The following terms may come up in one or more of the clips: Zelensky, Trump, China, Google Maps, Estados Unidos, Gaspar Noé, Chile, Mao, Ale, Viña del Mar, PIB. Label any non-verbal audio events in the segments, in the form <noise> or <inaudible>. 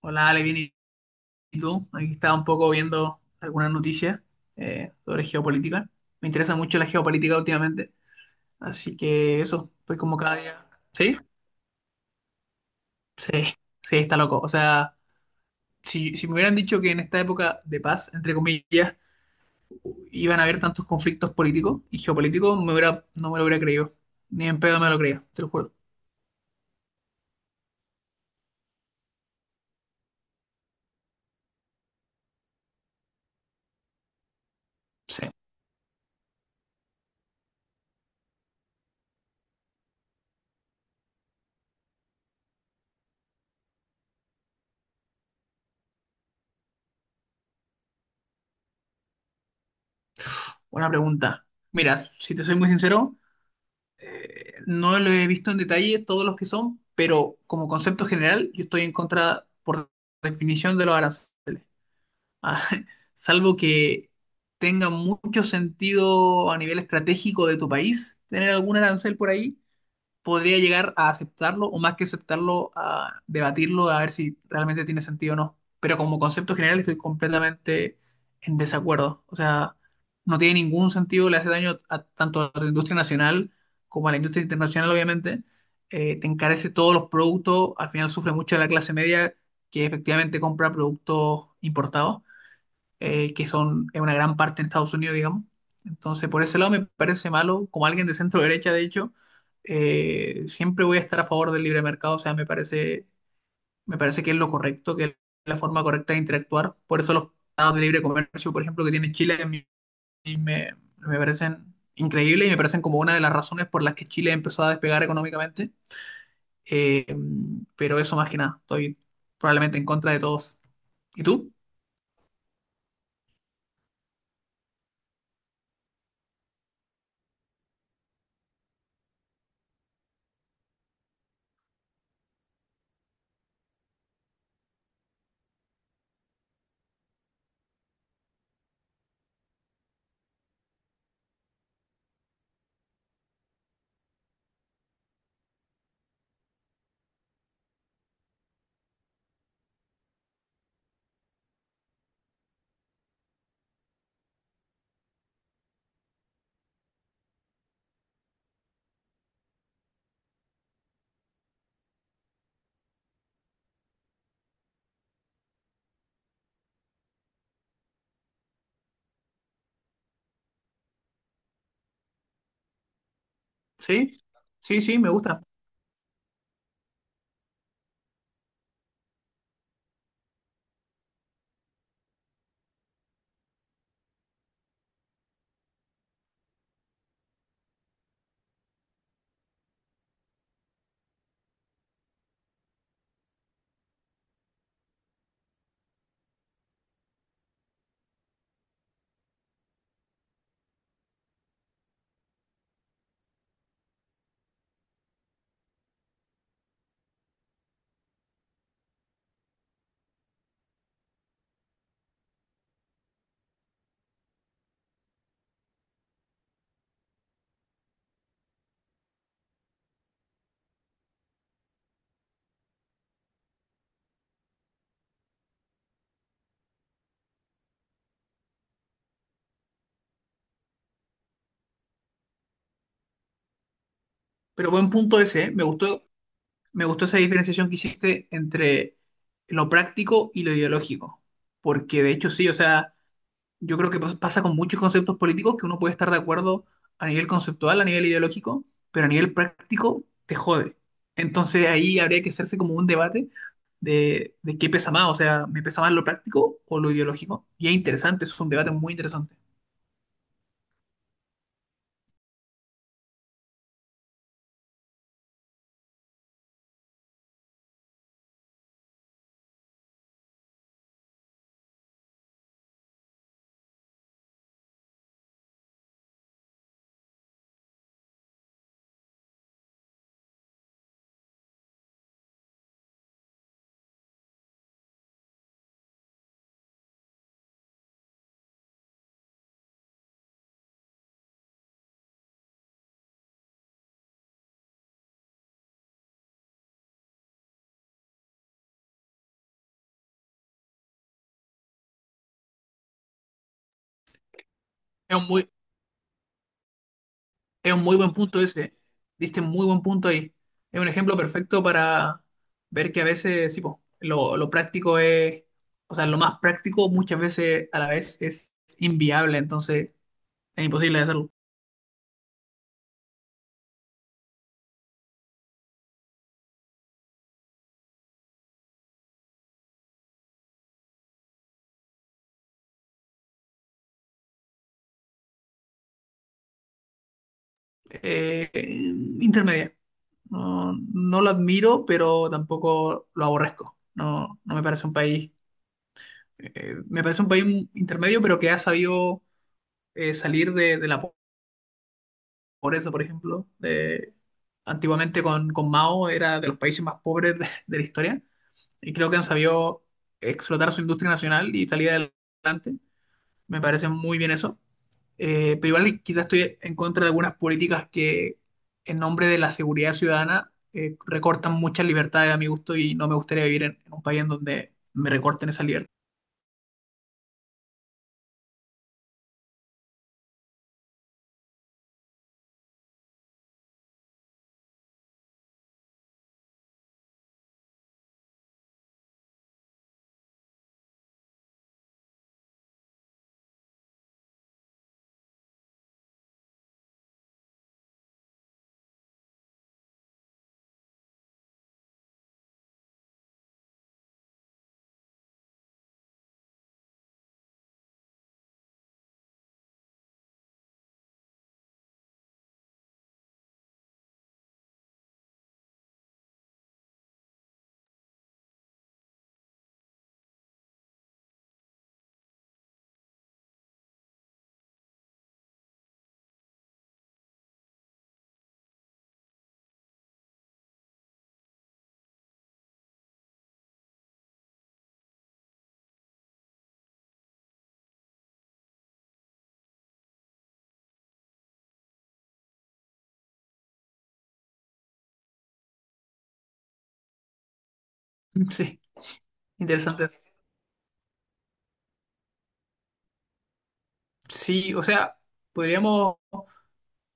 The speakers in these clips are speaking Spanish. Hola, Ale, bien, ¿y tú? Aquí estaba un poco viendo algunas noticias sobre geopolítica. Me interesa mucho la geopolítica últimamente, así que eso, pues como cada día. ¿Sí? Sí, sí, está loco. O sea, si me hubieran dicho que en esta época de paz, entre comillas, iban a haber tantos conflictos políticos y geopolíticos, no me lo hubiera creído. Ni en pedo me lo creía, te lo juro. Sí, buena pregunta. Mira, si te soy muy sincero, no lo he visto en detalle todos los que son, pero como concepto general, yo estoy en contra, por definición, de los aranceles. Ah, <laughs> salvo que tenga mucho sentido a nivel estratégico de tu país tener algún arancel por ahí, podría llegar a aceptarlo o más que aceptarlo, a debatirlo, a ver si realmente tiene sentido o no. Pero como concepto general estoy completamente en desacuerdo. O sea, no tiene ningún sentido, le hace daño a, tanto a la industria nacional como a la industria internacional, obviamente. Te encarece todos los productos, al final sufre mucho la clase media que efectivamente compra productos importados que son en una gran parte en Estados Unidos, digamos. Entonces, por ese lado me parece malo, como alguien de centro derecha, de hecho, siempre voy a estar a favor del libre mercado, o sea, me parece que es lo correcto, que es la forma correcta de interactuar. Por eso los tratados de libre comercio, por ejemplo, que tiene Chile, me, me parecen increíbles y me parecen como una de las razones por las que Chile empezó a despegar económicamente. Eh, pero eso más que nada, estoy probablemente en contra de todos. ¿Y tú? Sí, sí, sí, me gusta. Pero buen punto ese, ¿eh? Me gustó esa diferenciación que hiciste entre lo práctico y lo ideológico. Porque de hecho sí, o sea, yo creo que pasa con muchos conceptos políticos que uno puede estar de acuerdo a nivel conceptual, a nivel ideológico, pero a nivel práctico te jode. Entonces ahí habría que hacerse como un debate de qué pesa más, o sea, ¿me pesa más lo práctico o lo ideológico? Y es interesante, es un debate muy interesante. Es un muy, Es un muy buen punto ese. Diste muy buen punto ahí. Es un ejemplo perfecto para ver que a veces, sí, po, lo práctico es, o sea, lo más práctico muchas veces a la vez es inviable, entonces es imposible de hacerlo. Eh, intermedia. No, no lo admiro, pero tampoco lo aborrezco. No, no me parece un país, me parece un país intermedio, pero que ha sabido salir de la. Por eso, por ejemplo, antiguamente con Mao era de los países más pobres de la historia y creo que han sabido explotar su industria nacional y salir adelante. Me parece muy bien eso. Pero igual quizás estoy en contra de algunas políticas que en nombre de la seguridad ciudadana recortan muchas libertades a mi gusto y no me gustaría vivir en un país en donde me recorten esa libertad. <laughs> Sí, interesante. Sí, o sea, podríamos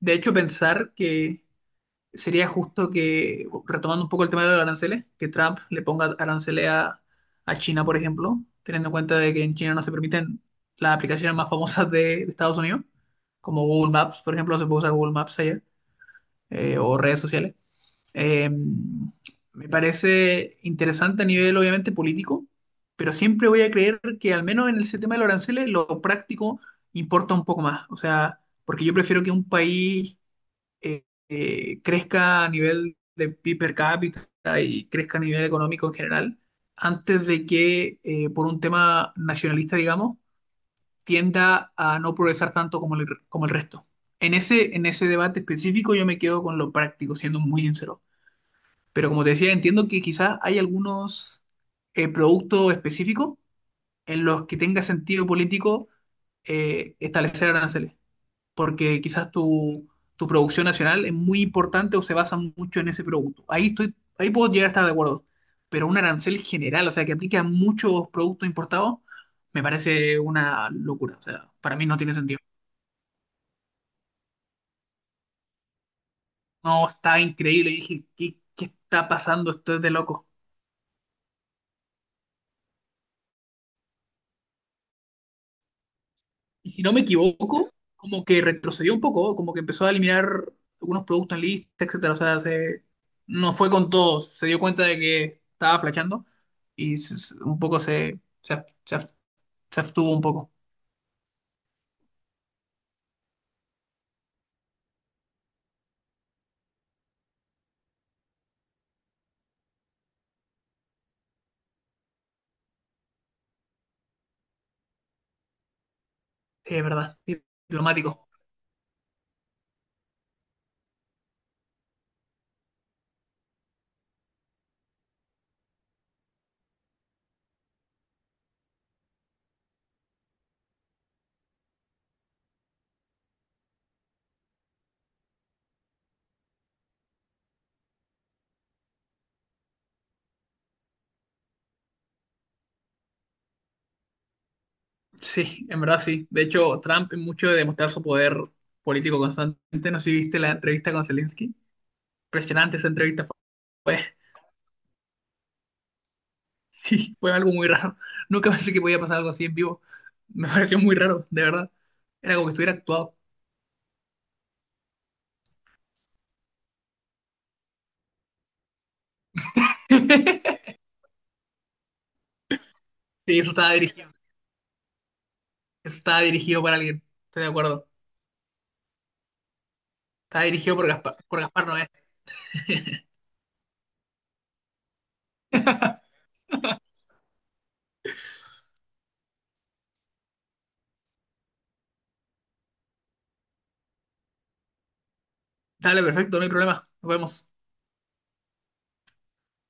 de hecho pensar que sería justo que, retomando un poco el tema de los aranceles, que Trump le ponga aranceles a China, por ejemplo, teniendo en cuenta de que en China no se permiten las aplicaciones más famosas de Estados Unidos, como Google Maps, por ejemplo, no se puede usar Google Maps allá, o redes sociales. Eh, me parece interesante a nivel, obviamente, político, pero siempre voy a creer que al menos en ese tema de los aranceles, lo práctico importa un poco más. O sea, porque yo prefiero que un país crezca a nivel de PIB per cápita y crezca a nivel económico en general, antes de que por un tema nacionalista, digamos, tienda a no progresar tanto como como el resto. En ese debate específico yo me quedo con lo práctico, siendo muy sincero. Pero como te decía, entiendo que quizás hay algunos productos específicos en los que tenga sentido político establecer aranceles porque quizás tu producción nacional es muy importante o se basa mucho en ese producto. Ahí puedo llegar a estar de acuerdo. Pero un arancel general, o sea, que aplique a muchos productos importados, me parece una locura. O sea, para mí no tiene sentido. No, está increíble. Dije, ¿qué está pasando? Esto es de loco. Y si no me equivoco, como que retrocedió un poco, como que empezó a eliminar algunos productos en lista, etcétera. O sea, no fue con todos. Se dio cuenta de que estaba flasheando y se- se- un poco se, se, ab- se ab- se abstuvo un poco. Sí, es verdad. Diplomático. Sí, en verdad sí. De hecho, Trump, en mucho de demostrar su poder político constante, no sé si viste la entrevista con Zelensky. Impresionante esa entrevista fue. <laughs> Fue algo muy raro. Nunca pensé que podía pasar algo así en vivo. Me pareció muy raro, de verdad. Era como que estuviera actuado. <laughs> Sí, eso estaba dirigido. Eso estaba dirigido para alguien. Estoy de acuerdo. Estaba dirigido por Gaspar Noé. <laughs> Dale, perfecto, no hay problema. Nos vemos.